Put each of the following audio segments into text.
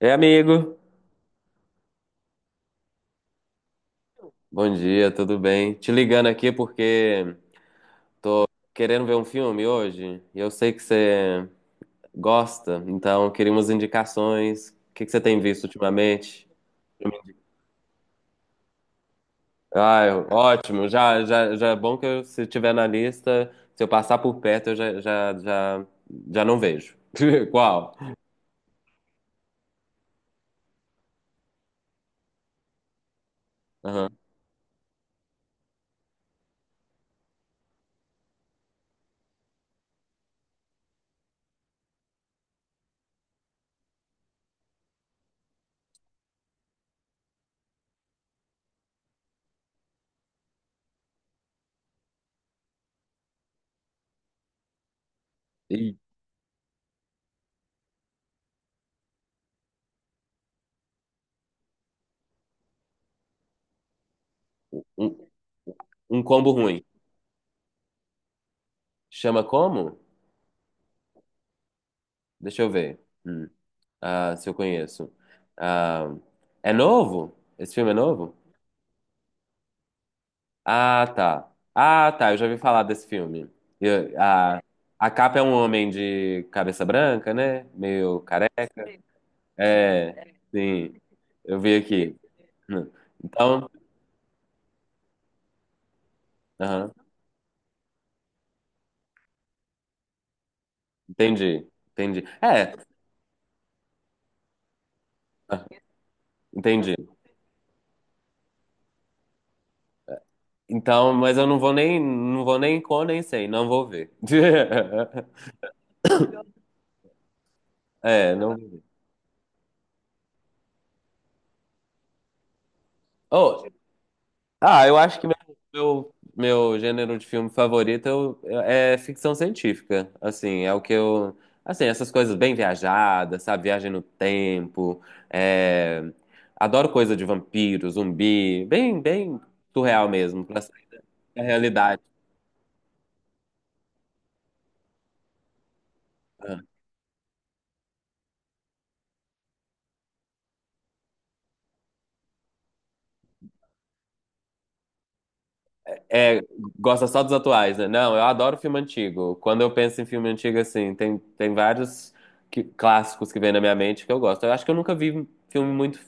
É, amigo. Bom dia, tudo bem? Te ligando aqui porque querendo ver um filme hoje, e eu sei que você gosta, então queria umas indicações. O que que você tem visto ultimamente? Ah, ótimo. Já, é bom que eu, se tiver na lista, se eu passar por perto, eu já não vejo. Qual? Aham. Ih, Um, um combo ruim. Chama como? Deixa eu ver. Hum. Ah, se eu conheço. Ah, é novo? Esse filme é novo? Ah, tá. Ah, tá. Eu já ouvi falar desse filme. Eu- a, a capa é um homem de cabeça branca, né? Meio careca. É, sim. Eu vi aqui. Então, aham, entendi. Entendi. É, ah, entendi. Então, mas eu não vou nem, não vou nem com, nem sem. Não vou ver. É, não. Oh, ah, eu acho que meu gênero de filme favorito é ficção científica. Assim, é o que eu. Assim, essas coisas bem viajadas, sabe? Viagem no tempo. é, Adoro coisa de vampiro, zumbi. Bem, bem surreal mesmo, pra sair da realidade. É, gosta só dos atuais, né? Não, eu adoro filme antigo. Quando eu penso em filme antigo, assim, tem vários clássicos que vêm na minha mente que eu gosto. Eu acho que eu nunca vi um filme muito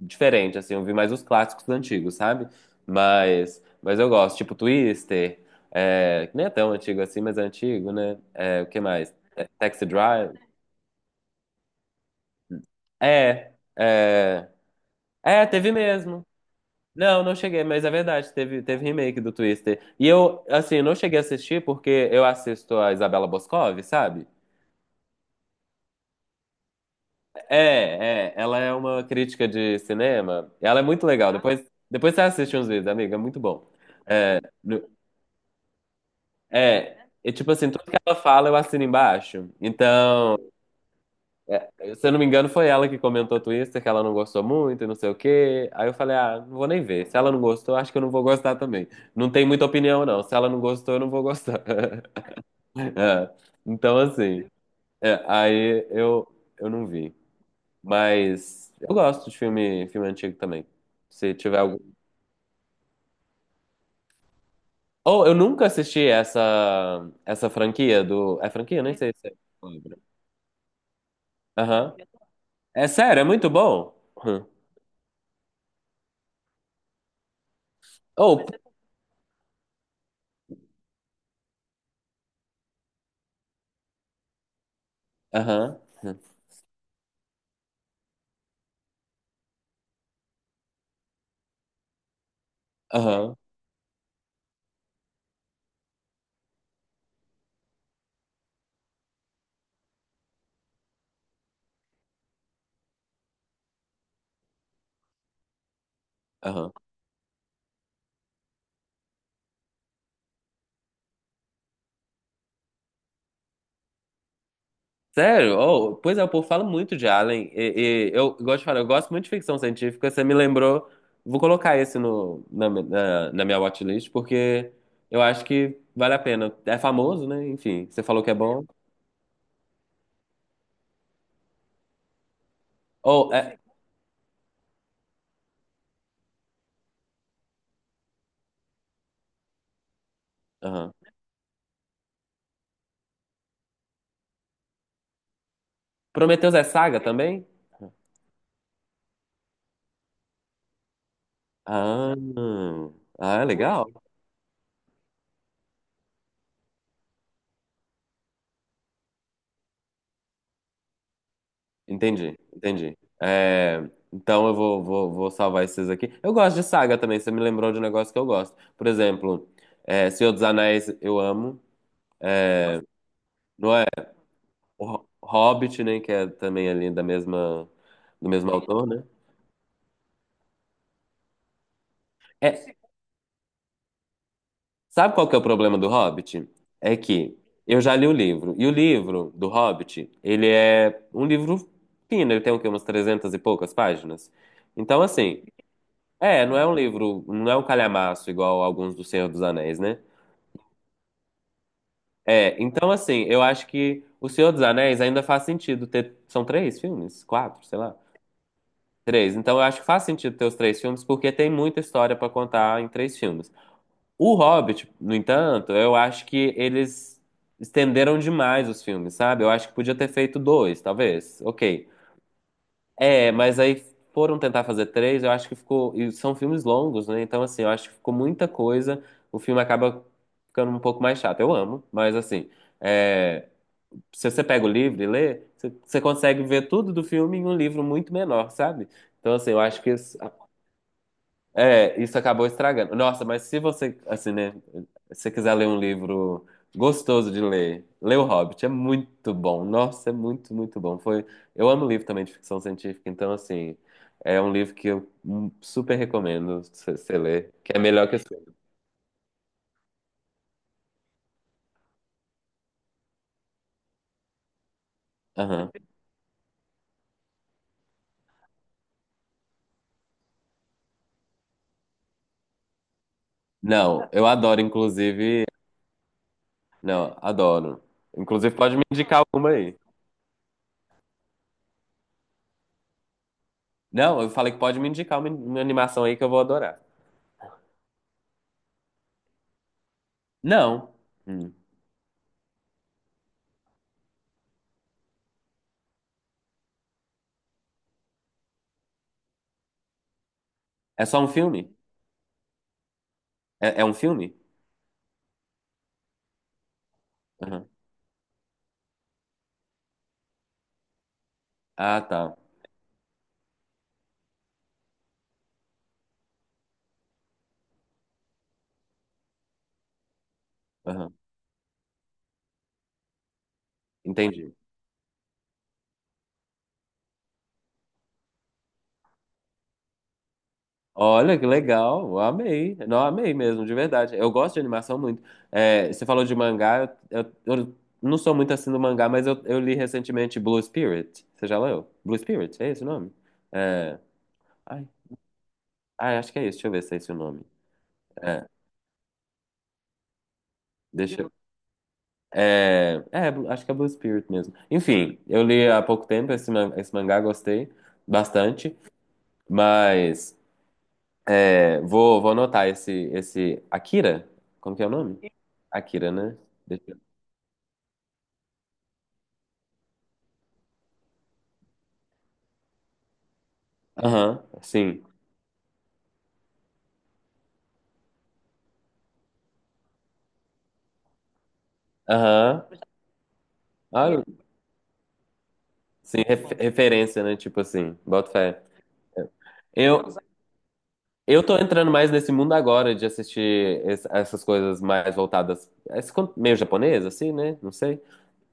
diferente, assim, eu vi mais os clássicos dos antigos, sabe? Mas eu gosto, tipo Twister, que nem é tão antigo assim, mas é antigo, né? É, o que mais? É, Taxi Drive. É, é, é, teve mesmo. Não, não cheguei, mas é verdade, teve remake do Twister. E eu, assim, não cheguei a assistir porque eu assisto a Isabela Boscov, sabe? É, ela é uma crítica de cinema. Ela é muito legal. Depois você assiste uns vídeos, amiga, é muito bom. No- é tipo assim, tudo que ela fala eu assino embaixo. Então, se eu não me engano, foi ela que comentou Twister, que ela não gostou muito e não sei o quê. Aí eu falei, ah, não vou nem ver. Se ela não gostou, acho que eu não vou gostar também. Não tem muita opinião, não. Se ela não gostou, eu não vou gostar. É, então, assim, aí eu não vi. Mas eu gosto de filme, filme antigo também. Se tiver algum. Oh, eu nunca assisti essa franquia do. É franquia? Nem sei se é. Aham. É sério, é muito bom? Hum. Oh, aham. Aham. Aham. Sério? Oh, pois é, o povo fala muito de Alien. E eu gosto de falar, eu gosto muito de ficção científica. Você me lembrou. Vou colocar esse no, na, na, na minha watchlist, porque eu acho que vale a pena. É famoso, né? Enfim, você falou que é bom. Ou é. Aham. Prometheus é saga também? Ah, ah, legal. Entendi, entendi. É, então eu vou salvar esses aqui. Eu gosto de saga também, você me lembrou de um negócio que eu gosto. Por exemplo, Senhor dos Anéis, eu amo. É, não é? O Hobbit, né? Que é também ali do mesmo autor, né? É, sabe qual que é o problema do Hobbit? É que eu já li o livro. E o livro do Hobbit, ele é um livro fino. Ele tem o quê? Umas 300 e poucas páginas. Então, assim, não é um livro, não é um calhamaço igual alguns do Senhor dos Anéis, né? É, então, assim, eu acho que o Senhor dos Anéis ainda faz sentido ter... São três filmes? Quatro? Sei lá. Três. Então eu acho que faz sentido ter os três filmes, porque tem muita história pra contar em três filmes. O Hobbit, no entanto, eu acho que eles estenderam demais os filmes, sabe? Eu acho que podia ter feito dois, talvez. Ok. É, mas aí foram tentar fazer três, eu acho que ficou. E são filmes longos, né? Então, assim, eu acho que ficou muita coisa. O filme acaba ficando um pouco mais chato. Eu amo, mas assim. é, Se você pega o livro e lê, você consegue ver tudo do filme em um livro muito menor, sabe? Então, assim, eu acho que isso acabou estragando. Nossa, mas se você, assim, né, se você quiser ler um livro gostoso de ler, lê O Hobbit, é muito bom. Nossa, é muito, muito bom. Foi, eu amo livro também de ficção científica, então, assim, é um livro que eu super recomendo você ler, que é melhor que o seu. Aham. Não, eu adoro, inclusive, não, adoro. Inclusive, pode me indicar alguma aí. Não, eu falei que pode me indicar uma animação aí que eu vou adorar. Não, Hum. É só um filme? É um filme? Ah, tá. Aham. Entendi. Olha que legal, eu amei. Não, amei mesmo, de verdade. Eu gosto de animação muito. É, você falou de mangá, eu não sou muito assim do mangá, mas eu li recentemente Blue Spirit. Você já leu? Blue Spirit, é esse o nome? É, ai, ai, acho que é esse, deixa eu ver se é esse o nome. É, deixa eu. É, acho que é Blue Spirit mesmo. Enfim, eu li há pouco tempo esse mangá, gostei bastante, mas. É, vou anotar esse, esse. Akira? Como que é o nome? Akira, né? Deixa eu- Aham, sim. Aham. Ah, sim, referência, né? Tipo assim, boto fé. Eu, eu tô entrando mais nesse mundo agora de assistir essas coisas mais voltadas. Esse, meio japonês, assim, né? Não sei.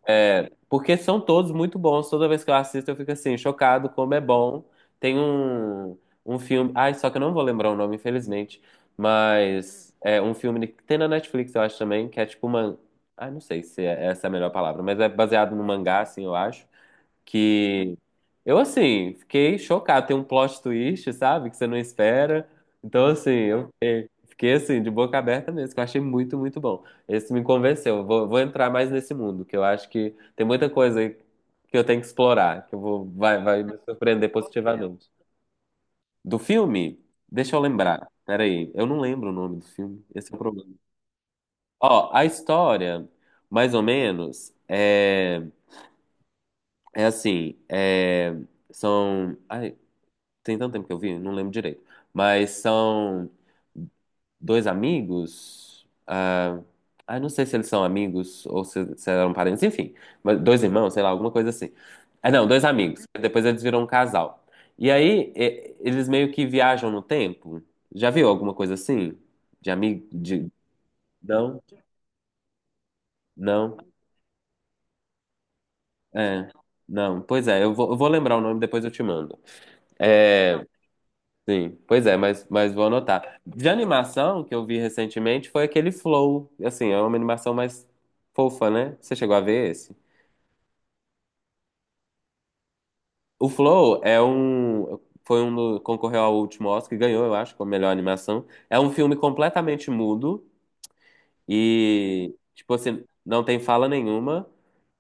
É, porque são todos muito bons. Toda vez que eu assisto, eu fico assim, chocado como é bom. Tem um filme. Ai, só que eu não vou lembrar o nome, infelizmente. Mas é um filme que tem na Netflix, eu acho também, que é tipo uma. Ai, não sei se é, essa é a melhor palavra, mas é baseado no mangá, assim, eu acho que eu assim, fiquei chocado, tem um plot twist, sabe, que você não espera. Então assim, eu fiquei, assim de boca aberta mesmo, que eu achei muito, muito bom. Esse me convenceu. Eu vou entrar mais nesse mundo, que eu acho que tem muita coisa aí que eu tenho que explorar, que eu vai me surpreender positivamente. Do filme, deixa eu lembrar. Peraí, eu não lembro o nome do filme. Esse é o problema. Ó, a história, mais ou menos, é, assim, são. Tem tanto tempo que eu vi, não lembro direito. Mas são dois amigos. Ah, ah, não sei se eles são amigos ou se eram parentes, enfim. Mas dois irmãos, sei lá, alguma coisa assim. Ah, não, dois amigos. Depois eles viram um casal. E aí, eles meio que viajam no tempo. Já viu alguma coisa assim? De amigo? De... Não? Não? É. Não. Pois é, eu vou lembrar o nome, depois eu te mando. É. Sim, pois é, mas vou anotar. De animação que eu vi recentemente foi aquele Flow. Assim, é uma animação mais fofa, né? Você chegou a ver esse? O Flow é um. Foi um. Concorreu ao último Oscar e ganhou, eu acho, como melhor animação. É um filme completamente mudo e, tipo assim, não tem fala nenhuma.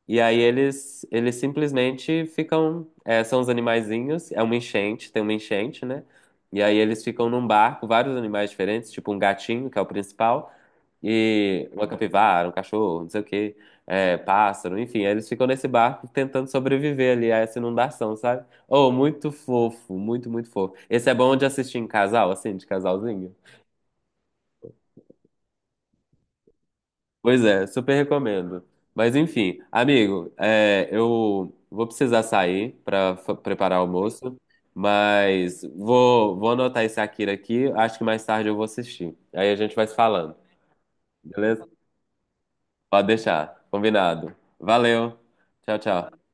E aí eles simplesmente ficam. São os animaizinhos. É uma enchente, tem uma enchente, né? E aí eles ficam num barco, vários animais diferentes, tipo um gatinho, que é o principal. E uma capivara, um cachorro, não sei o quê, pássaro, enfim, aí eles ficam nesse barco tentando sobreviver ali a essa inundação, sabe? Oh, muito fofo, muito, muito fofo. Esse é bom de assistir em casal, assim, de casalzinho? Pois é, super recomendo. Mas enfim, amigo, eu vou precisar sair para preparar o almoço, mas vou anotar esse Akira aqui, acho que mais tarde eu vou assistir. Aí a gente vai se falando, beleza? Pode deixar, combinado. Valeu, tchau, tchau.